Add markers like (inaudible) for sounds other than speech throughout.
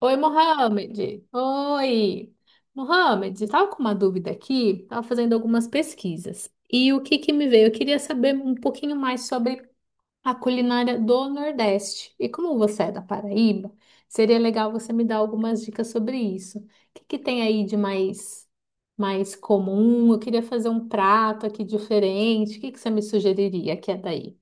Oi, Mohamed. Oi. Mohamed, estava com uma dúvida aqui, estava fazendo algumas pesquisas. E o que que me veio? Eu queria saber um pouquinho mais sobre a culinária do Nordeste. E como você é da Paraíba, seria legal você me dar algumas dicas sobre isso. O que que tem aí de mais comum? Eu queria fazer um prato aqui diferente. O que que você me sugeriria que é daí?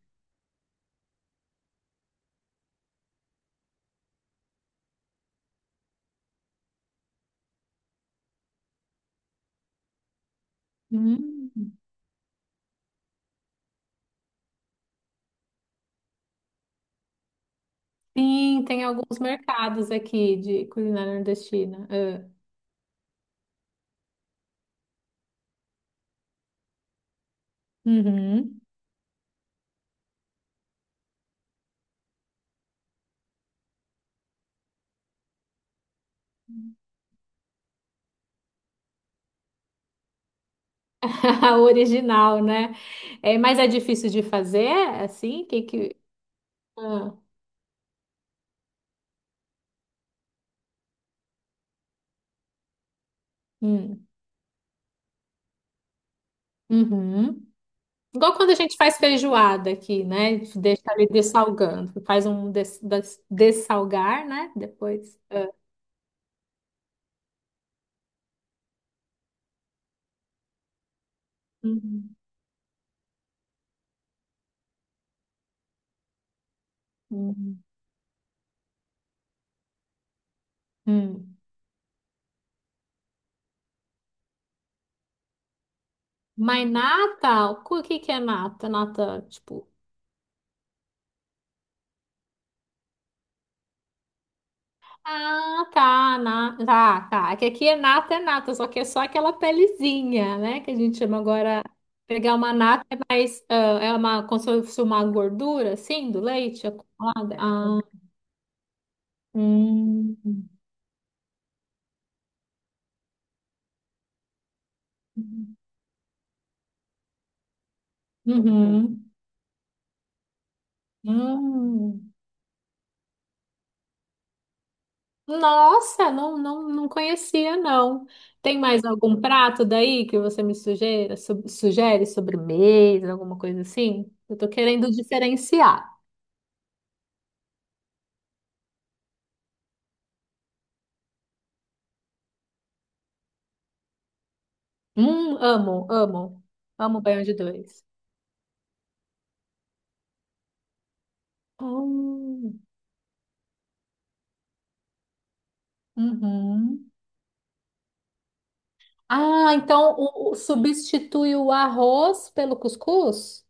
Hum, sim, tem alguns mercados aqui de culinária nordestina. Ah. Uhum. (laughs) O original, né? É, mas é difícil de fazer, assim? Que... Ah, hum. Uhum. Igual quando a gente faz feijoada aqui, né? Deixa ali dessalgando. Faz um dessalgar, né? Depois. Uhum. Uhum. Hum. Mas nata, o que que é nata? Nata, tipo. Ah, tá, na, tá, tá. É que aqui é nata, só que é só aquela pelezinha, né? Que a gente chama agora. Pegar uma nata é mais. Ah, é uma, como se fosse uma gordura, assim, do leite acumulada. Ah, hum. Uhum. Hum. Hum. Nossa, não conhecia, não. Tem mais algum prato daí que você me sugere sobremesa, alguma coisa assim? Eu tô querendo diferenciar. Amo, amo. Amo banho de dois. Hum, uhum. Ah, então substitui o arroz pelo cuscuz?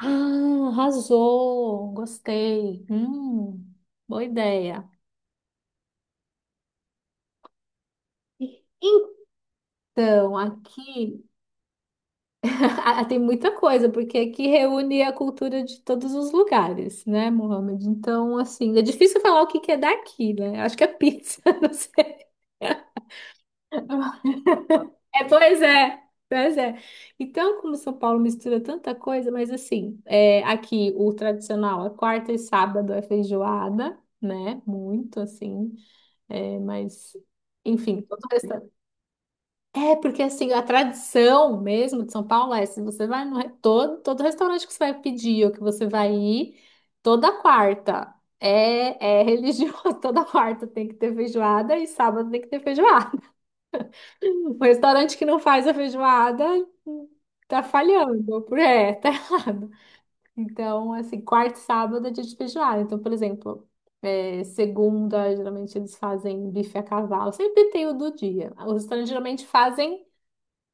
Ah, arrasou. Gostei. Boa ideia. Então, aqui (laughs) ah, tem muita coisa, porque aqui reúne a cultura de todos os lugares, né, Mohamed? Então, assim, é difícil falar o que que é daqui, né? Acho que é pizza, (laughs) não sei. (laughs) É, pois é, pois é. Então, como São Paulo mistura tanta coisa, mas assim, é, aqui o tradicional, é quarta e sábado é feijoada, né? Muito assim, é, mas enfim, todo restaurante. É, porque assim, a tradição mesmo de São Paulo é, se você vai no todo restaurante que você vai pedir ou que você vai ir, toda quarta é, é religioso, (laughs) toda quarta tem que ter feijoada e sábado tem que ter feijoada. Um restaurante que não faz a feijoada tá falhando, é, tá errado. Então, assim, quarta e sábado é dia de feijoada. Então, por exemplo, é, segunda, geralmente eles fazem bife a cavalo, sempre tem o do dia. Os restaurantes geralmente fazem,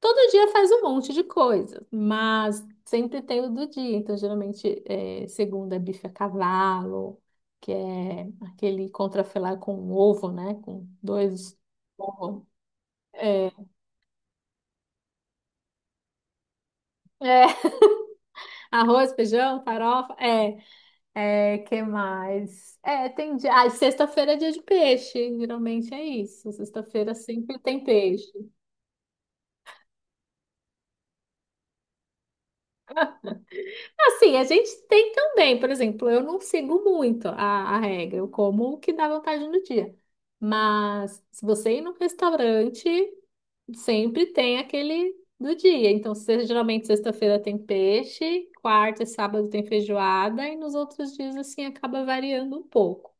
todo dia faz um monte de coisa, mas sempre tem o do dia. Então, geralmente, é, segunda é bife a cavalo, que é aquele contrafilé com ovo, né? Com dois ovos. É, é, arroz, feijão, farofa. É, é, que mais? É, tem dia. Ah, e sexta-feira é dia de peixe. Geralmente é isso. Sexta-feira sempre tem peixe. Assim, a gente tem também, por exemplo, eu não sigo muito a regra. Eu como o que dá vontade no dia. Mas se você ir num restaurante, sempre tem aquele do dia. Então, geralmente sexta-feira tem peixe, quarta e sábado tem feijoada, e nos outros dias, assim, acaba variando um pouco.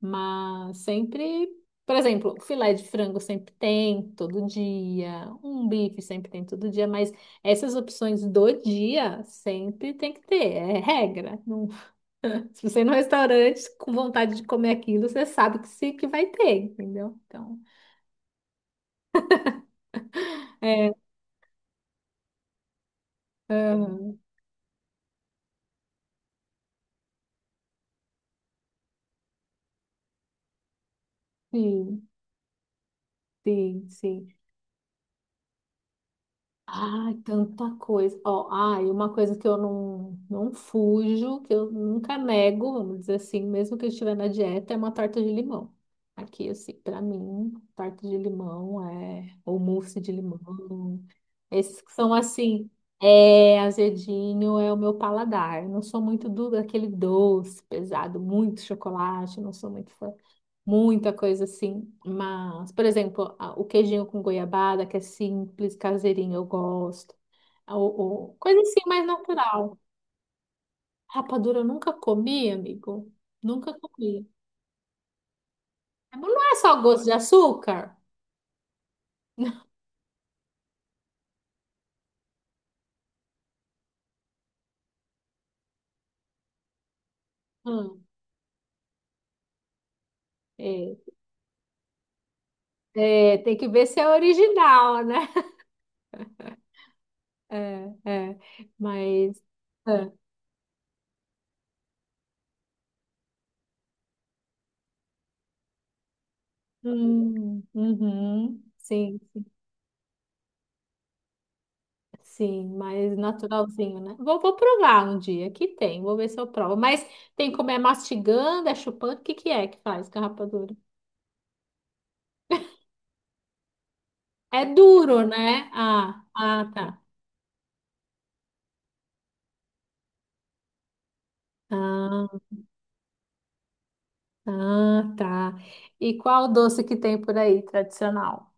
Mas sempre, por exemplo, filé de frango sempre tem todo dia, um bife sempre tem todo dia, mas essas opções do dia sempre tem que ter, é regra. Não- (laughs) se você ir no restaurante com vontade de comer aquilo, você sabe que, se, que vai ter, entendeu? Então, é, aham, sim, sim. Ai, tanta coisa. Ó, ai, uma coisa que eu não fujo, que eu nunca nego, vamos dizer assim, mesmo que eu estiver na dieta, é uma torta de limão. Aqui, assim, pra mim, torta de limão é, ou mousse de limão. Esses que são assim, é azedinho, é o meu paladar. Eu não sou muito do daquele doce pesado, muito chocolate, eu não sou muito fã muita coisa assim. Mas, por exemplo, o queijinho com goiabada, que é simples, caseirinho, eu gosto. O, coisa assim mais natural. Rapadura eu nunca comi, amigo. Nunca comi. Mas não é só gosto de açúcar? Hum, é. É, tem que ver se é original, né? É, é. Mas. É. Uhum, sim. Sim, mais naturalzinho, né? Vou, vou provar um dia, que tem, vou ver se eu provo. Mas tem como é mastigando, é chupando, o que que é que faz garrafa dura? É duro, né? Ah, ah, tá. Ah, ah, tá. E qual doce que tem por aí, tradicional?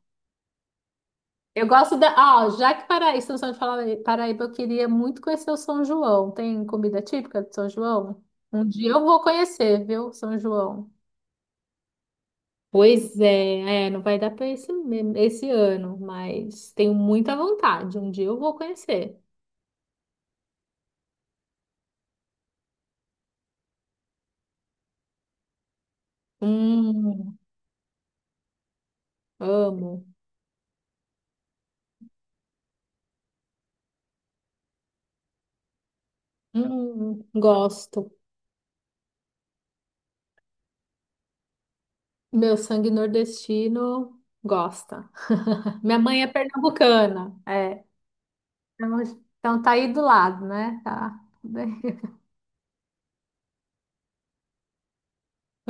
Eu gosto da... Ah, já que Paraíba, estamos falando de Paraíba, eu queria muito conhecer o São João. Tem comida típica de São João? Um dia eu vou conhecer, viu, São João? Pois é, é, não vai dar para esse, esse ano, mas tenho muita vontade. Um dia eu vou conhecer. Hum, amo. Gosto. Meu sangue nordestino gosta. (laughs) Minha mãe é pernambucana, é. Então então tá aí do lado, né? Tá. (laughs)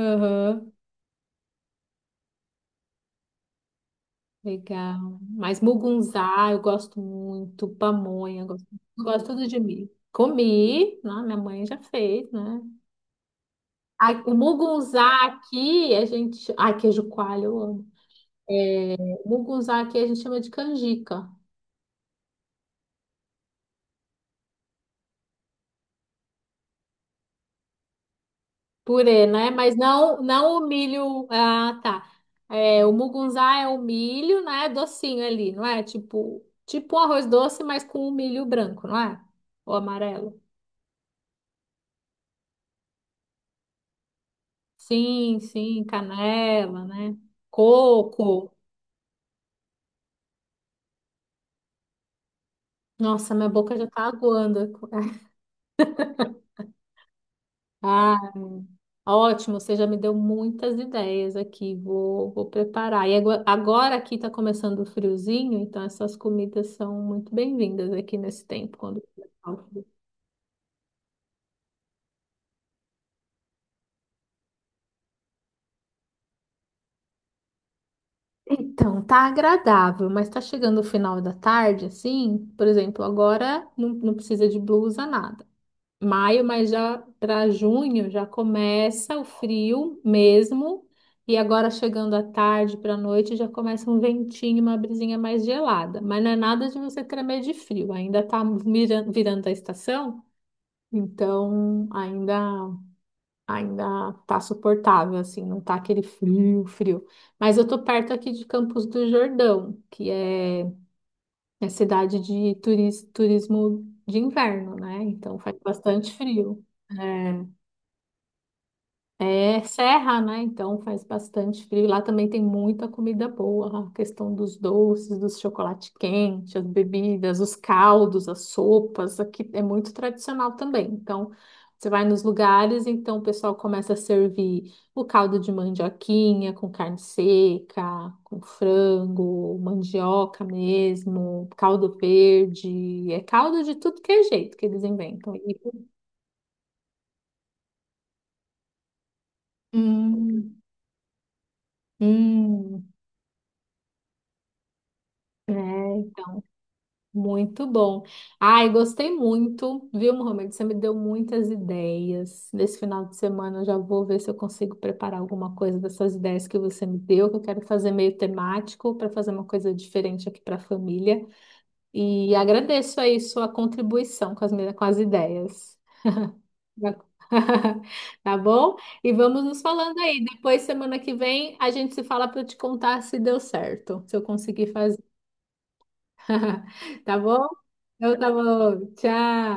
Aham, legal. Mas mugunzá eu gosto muito, pamonha, gosto, gosto tudo de mim. Comi, né? Minha mãe já fez, né? Ai, o mugunzá aqui, a gente. Ai, queijo coalho, eu amo. É, o mugunzá aqui a gente chama de canjica. Purê, né? Mas não, não o milho. Ah, tá. É, o mugunzá é o milho, né? Docinho ali, não é? Tipo, tipo um arroz doce, mas com o milho branco, não é? Ou amarelo. Sim, sim, canela, né? Coco. Nossa, minha boca já tá aguando. Ah, ótimo, você já me deu muitas ideias aqui. Vou, vou preparar. E agora, agora aqui está começando o friozinho, então essas comidas são muito bem-vindas aqui nesse tempo, quando tá o frio. Então, tá agradável, mas tá chegando o final da tarde, assim, por exemplo, agora não, não precisa de blusa, nada. Maio, mas já para junho já começa o frio mesmo. E agora chegando à tarde para a noite já começa um ventinho, uma brisinha mais gelada. Mas não é nada de você tremer de frio, ainda tá virando a estação, então ainda tá suportável assim, não tá aquele frio, frio. Mas eu tô perto aqui de Campos do Jordão, que é é cidade de turismo de inverno, né? Então faz bastante frio. É serra, né? Então faz bastante frio. Lá também tem muita comida boa, a questão dos doces, dos chocolate quente, as bebidas, os caldos, as sopas. Aqui é muito tradicional também. Então você vai nos lugares, então o pessoal começa a servir o caldo de mandioquinha com carne seca, com frango, mandioca mesmo, caldo verde. É caldo de tudo que é jeito que eles inventam. E- Hum, hum. É, então. Muito bom. Ai, gostei muito, viu, Mohamed? Você me deu muitas ideias. Nesse final de semana eu já vou ver se eu consigo preparar alguma coisa dessas ideias que você me deu, que eu quero fazer meio temático para fazer uma coisa diferente aqui para a família. E agradeço aí sua contribuição com com as ideias. (laughs) Tá bom? E vamos nos falando aí. Depois, semana que vem, a gente se fala para eu te contar se deu certo, se eu conseguir fazer. (laughs) Tá bom? Então tá bom. Tchau.